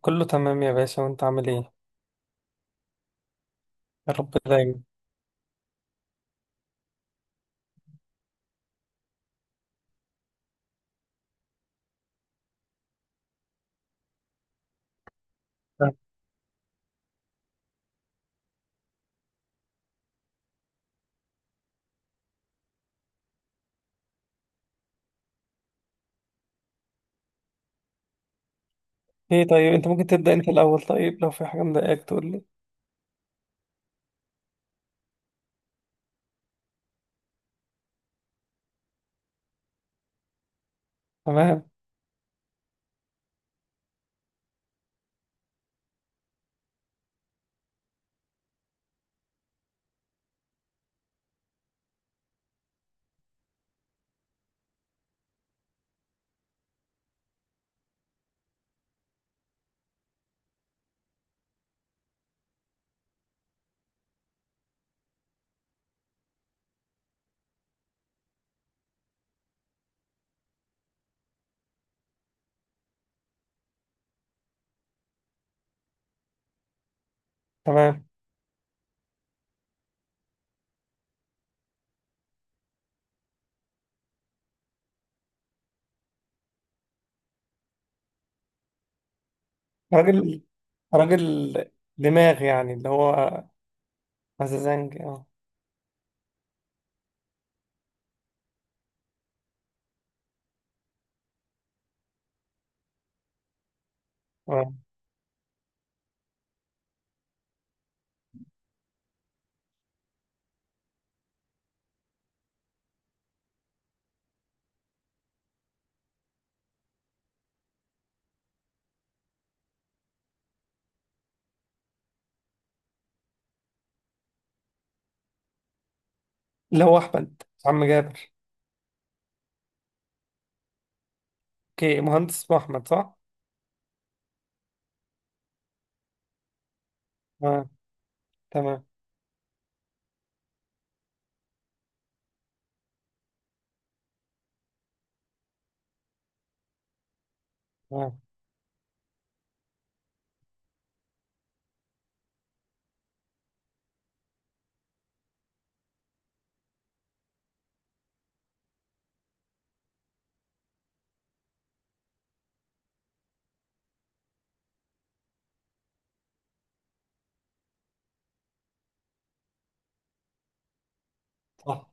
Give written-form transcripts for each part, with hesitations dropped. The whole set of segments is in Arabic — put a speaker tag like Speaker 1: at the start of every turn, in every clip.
Speaker 1: كله تمام يا باشا، وانت عامل ايه؟ يا رب دايما. تمام. ايه طيب، انت ممكن تبدأ انت الاول. طيب لو في حاجة مضايقاك تقول لي. تمام. تمام. راجل راجل دماغ، يعني اللي هو مزازنج، اه. تمام. اللي هو احمد عم جابر؟ اوكي مهندس اسمه احمد، صح؟ تمام. تمام. تمام. صح.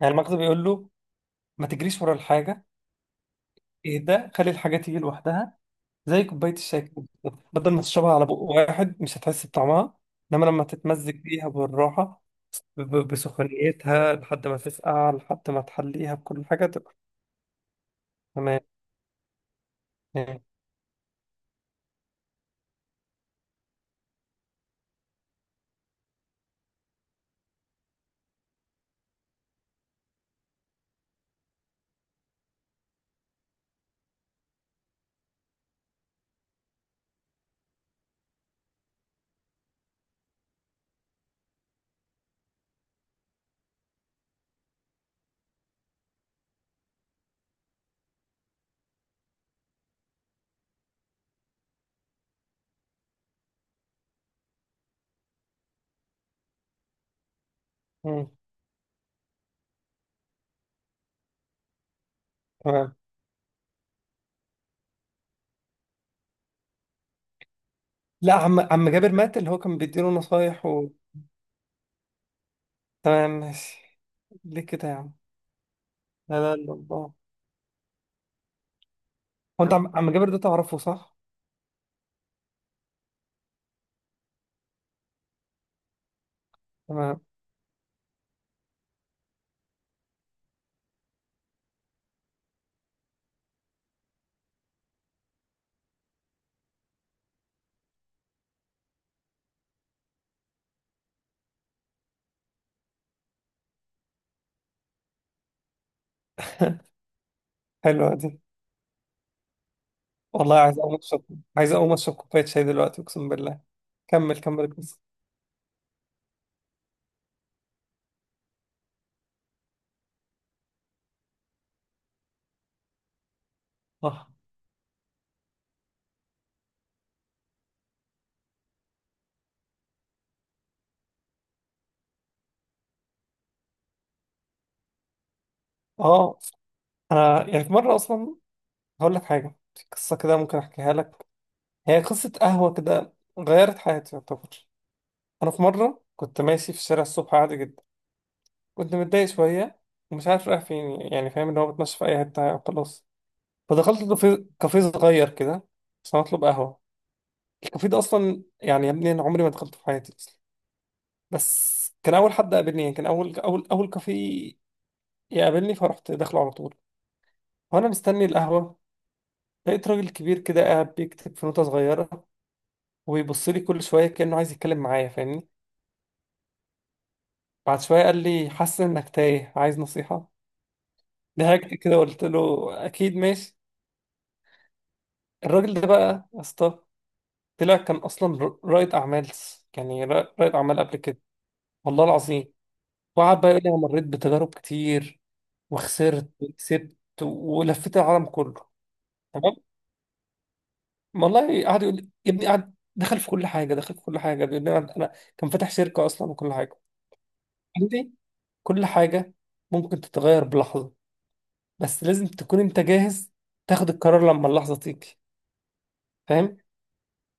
Speaker 1: يعني المكتب بيقول له ما تجريش ورا الحاجة. ايه ده، خلي الحاجة تيجي لوحدها. زي كوباية الشاي كده بالظبط. بدل ما تشربها على بق واحد مش هتحس بطعمها. انما لما تتمزج بيها بالراحة بسخونيتها، لحد ما تسقع، لحد ما تحليها بكل حاجة تبقى. تمام. تمام. مم. تمام. لا، عم جابر مات، اللي هو كان بيديله نصايح و... تمام ماشي. ليه كده يا عم؟ لا لا لا، الله. هو انت عم جابر ده تعرفه، صح؟ تمام. حلوة دي. والله عايز اقوم اشرب، عايز اقوم اشرب كوباية شاي دلوقتي اقسم بالله. كمل كمل القصة. اه اه. انا يعني في مرة اصلا هقول لك حاجة، في قصة كده ممكن احكيها لك. هي قصة قهوة كده غيرت حياتي يعتبر. انا في مره كنت ماشي في الشارع الصبح عادي جدا، كنت متضايق شويه ومش عارف رايح فين، يعني فاهم ان هو بتمشى في اي حته خلاص. فدخلت كافيه، كافيه صغير كده عشان اطلب قهوه. الكافيه ده اصلا يعني يا ابني انا عمري ما دخلته في حياتي اصلا، بس كان اول حد قابلني، يعني كان اول كافيه يقابلني، فرحت داخله على طول. وانا مستني القهوه لقيت راجل كبير كده قاعد بيكتب في نوتة صغيرة، وبيبص لي كل شوية كأنه عايز يتكلم معايا، فاهمني. بعد شوية قال لي حاسس إنك تايه، عايز نصيحة؟ ضحكت كده وقلت له اكيد ماشي. الراجل ده بقى يا اسطى طلع كان اصلا رائد اعمال، يعني رائد اعمال قبل كده. والله العظيم. وقعد بقى يقول لي انا مريت بتجارب كتير، وخسرت وكسبت ولفيت العالم كله. تمام. والله قعد يقول لي يا ابني، قعد دخل في كل حاجه، دخل في كل حاجه بيقول لي انا، كان فاتح شركه اصلا وكل حاجه. قال لي كل حاجه ممكن تتغير بلحظه، بس لازم تكون انت جاهز تاخد القرار لما اللحظه تيجي، فاهم.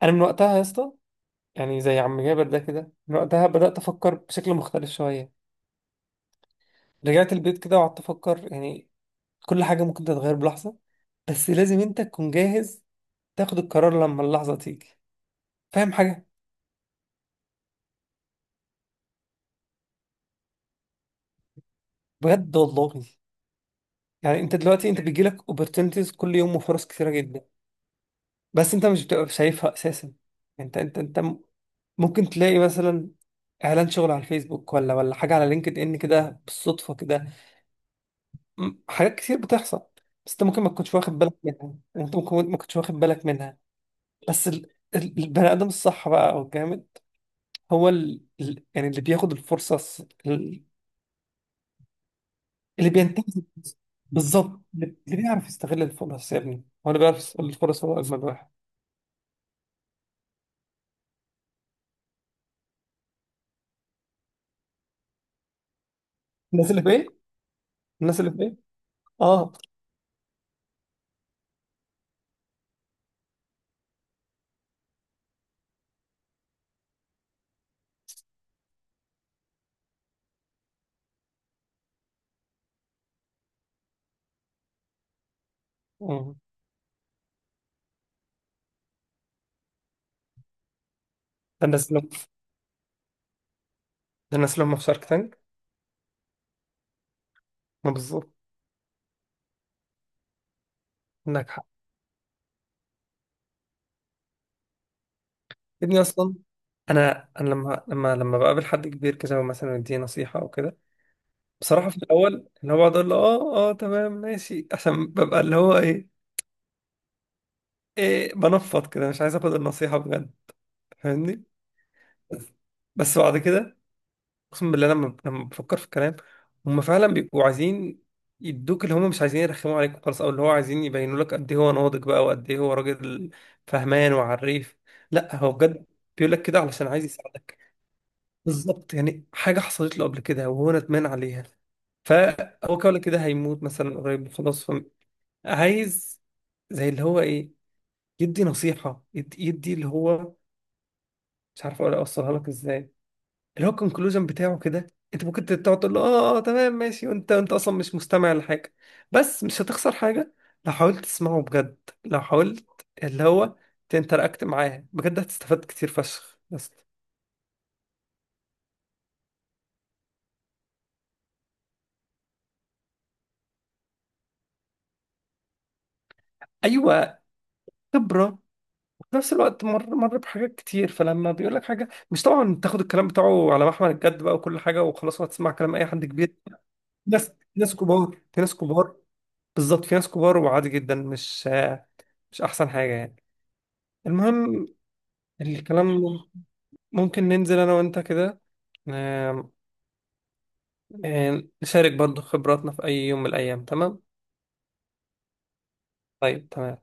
Speaker 1: انا من وقتها يا اسطى، يعني زي عم جابر ده كده، من وقتها بدأت أفكر بشكل مختلف شوية. رجعت البيت كده وقعدت أفكر، يعني كل حاجة ممكن تتغير بلحظة، بس لازم أنت تكون جاهز تاخد القرار لما اللحظة تيجي، فاهم حاجة؟ بجد والله. يعني أنت دلوقتي أنت بيجيلك opportunities كل يوم، وفرص كتيرة جدا بس أنت مش بتبقى شايفها أساسا. أنت ممكن تلاقي مثلا إعلان شغل على الفيسبوك، ولا حاجة على لينكد إن كده بالصدفة كده. حاجات كتير بتحصل بس انت ممكن ما تكونش واخد بالك منها. يعني انت ممكن ما تكونش واخد بالك منها. بس البني ادم الصح بقى او الجامد، هو يعني اللي بياخد الفرصه اللي بينتهز الفرصة. بالظبط، اللي بيعرف يستغل الفرص يا ابني هو اللي بيعرف يستغل الفرص، هو اجمد واحد. الناس اللي في ايه؟ الناس اللي في ايه؟ اه. مم. ده الناس اللي ده الناس اللي هم في شارك تانك. ما بالظبط. عندك حق. يا ابني اصلا انا، لما بقابل حد كبير كده مثلا يديني نصيحه او كده، بصراحة في الأول اللي هو بقعد أقول له آه آه تمام ماشي، عشان ببقى اللي هو إيه، إيه بنفض كده مش عايز آخد النصيحة بجد، فاهمني. بس بعد كده أقسم بالله لما بفكر في الكلام، هم فعلا بيبقوا عايزين يدوك، اللي هم مش عايزين يرخموا عليك خالص، أو اللي هو عايزين يبينوا لك قد إيه هو ناضج بقى، وقد إيه هو راجل فهمان وعريف. لا هو بجد بيقول لك كده علشان عايز يساعدك. بالظبط، يعني حاجة حصلت له قبل كده وهو ندمان عليها، فهو كده ولا كده هيموت مثلا قريب خلاص، عايز زي اللي هو ايه يدي نصيحة، يدي اللي هو مش عارف اقول اوصلها لك ازاي، اللي هو الكونكلوجن بتاعه كده. انت ممكن تقعد تقول له اه اه تمام ماشي وانت انت اصلا مش مستمع لحاجة، بس مش هتخسر حاجة لو حاولت تسمعه بجد. لو حاولت اللي هو تنتراكت معاه بجد هتستفاد كتير فشخ. بس ايوه، خبرة، وفي نفس الوقت مر بحاجات كتير، فلما بيقول لك حاجة مش طبعا تاخد الكلام بتاعه على محمل الجد بقى، وكل حاجة وخلاص وهتسمع كلام اي حد كبير. ناس كبار في ناس كبار. بالظبط، في ناس كبار وعادي جدا، مش احسن حاجة يعني. المهم الكلام، ممكن ننزل انا وانت كده، آم، آم، نشارك برضو خبراتنا في اي يوم من الايام، تمام؟ طيب تمام.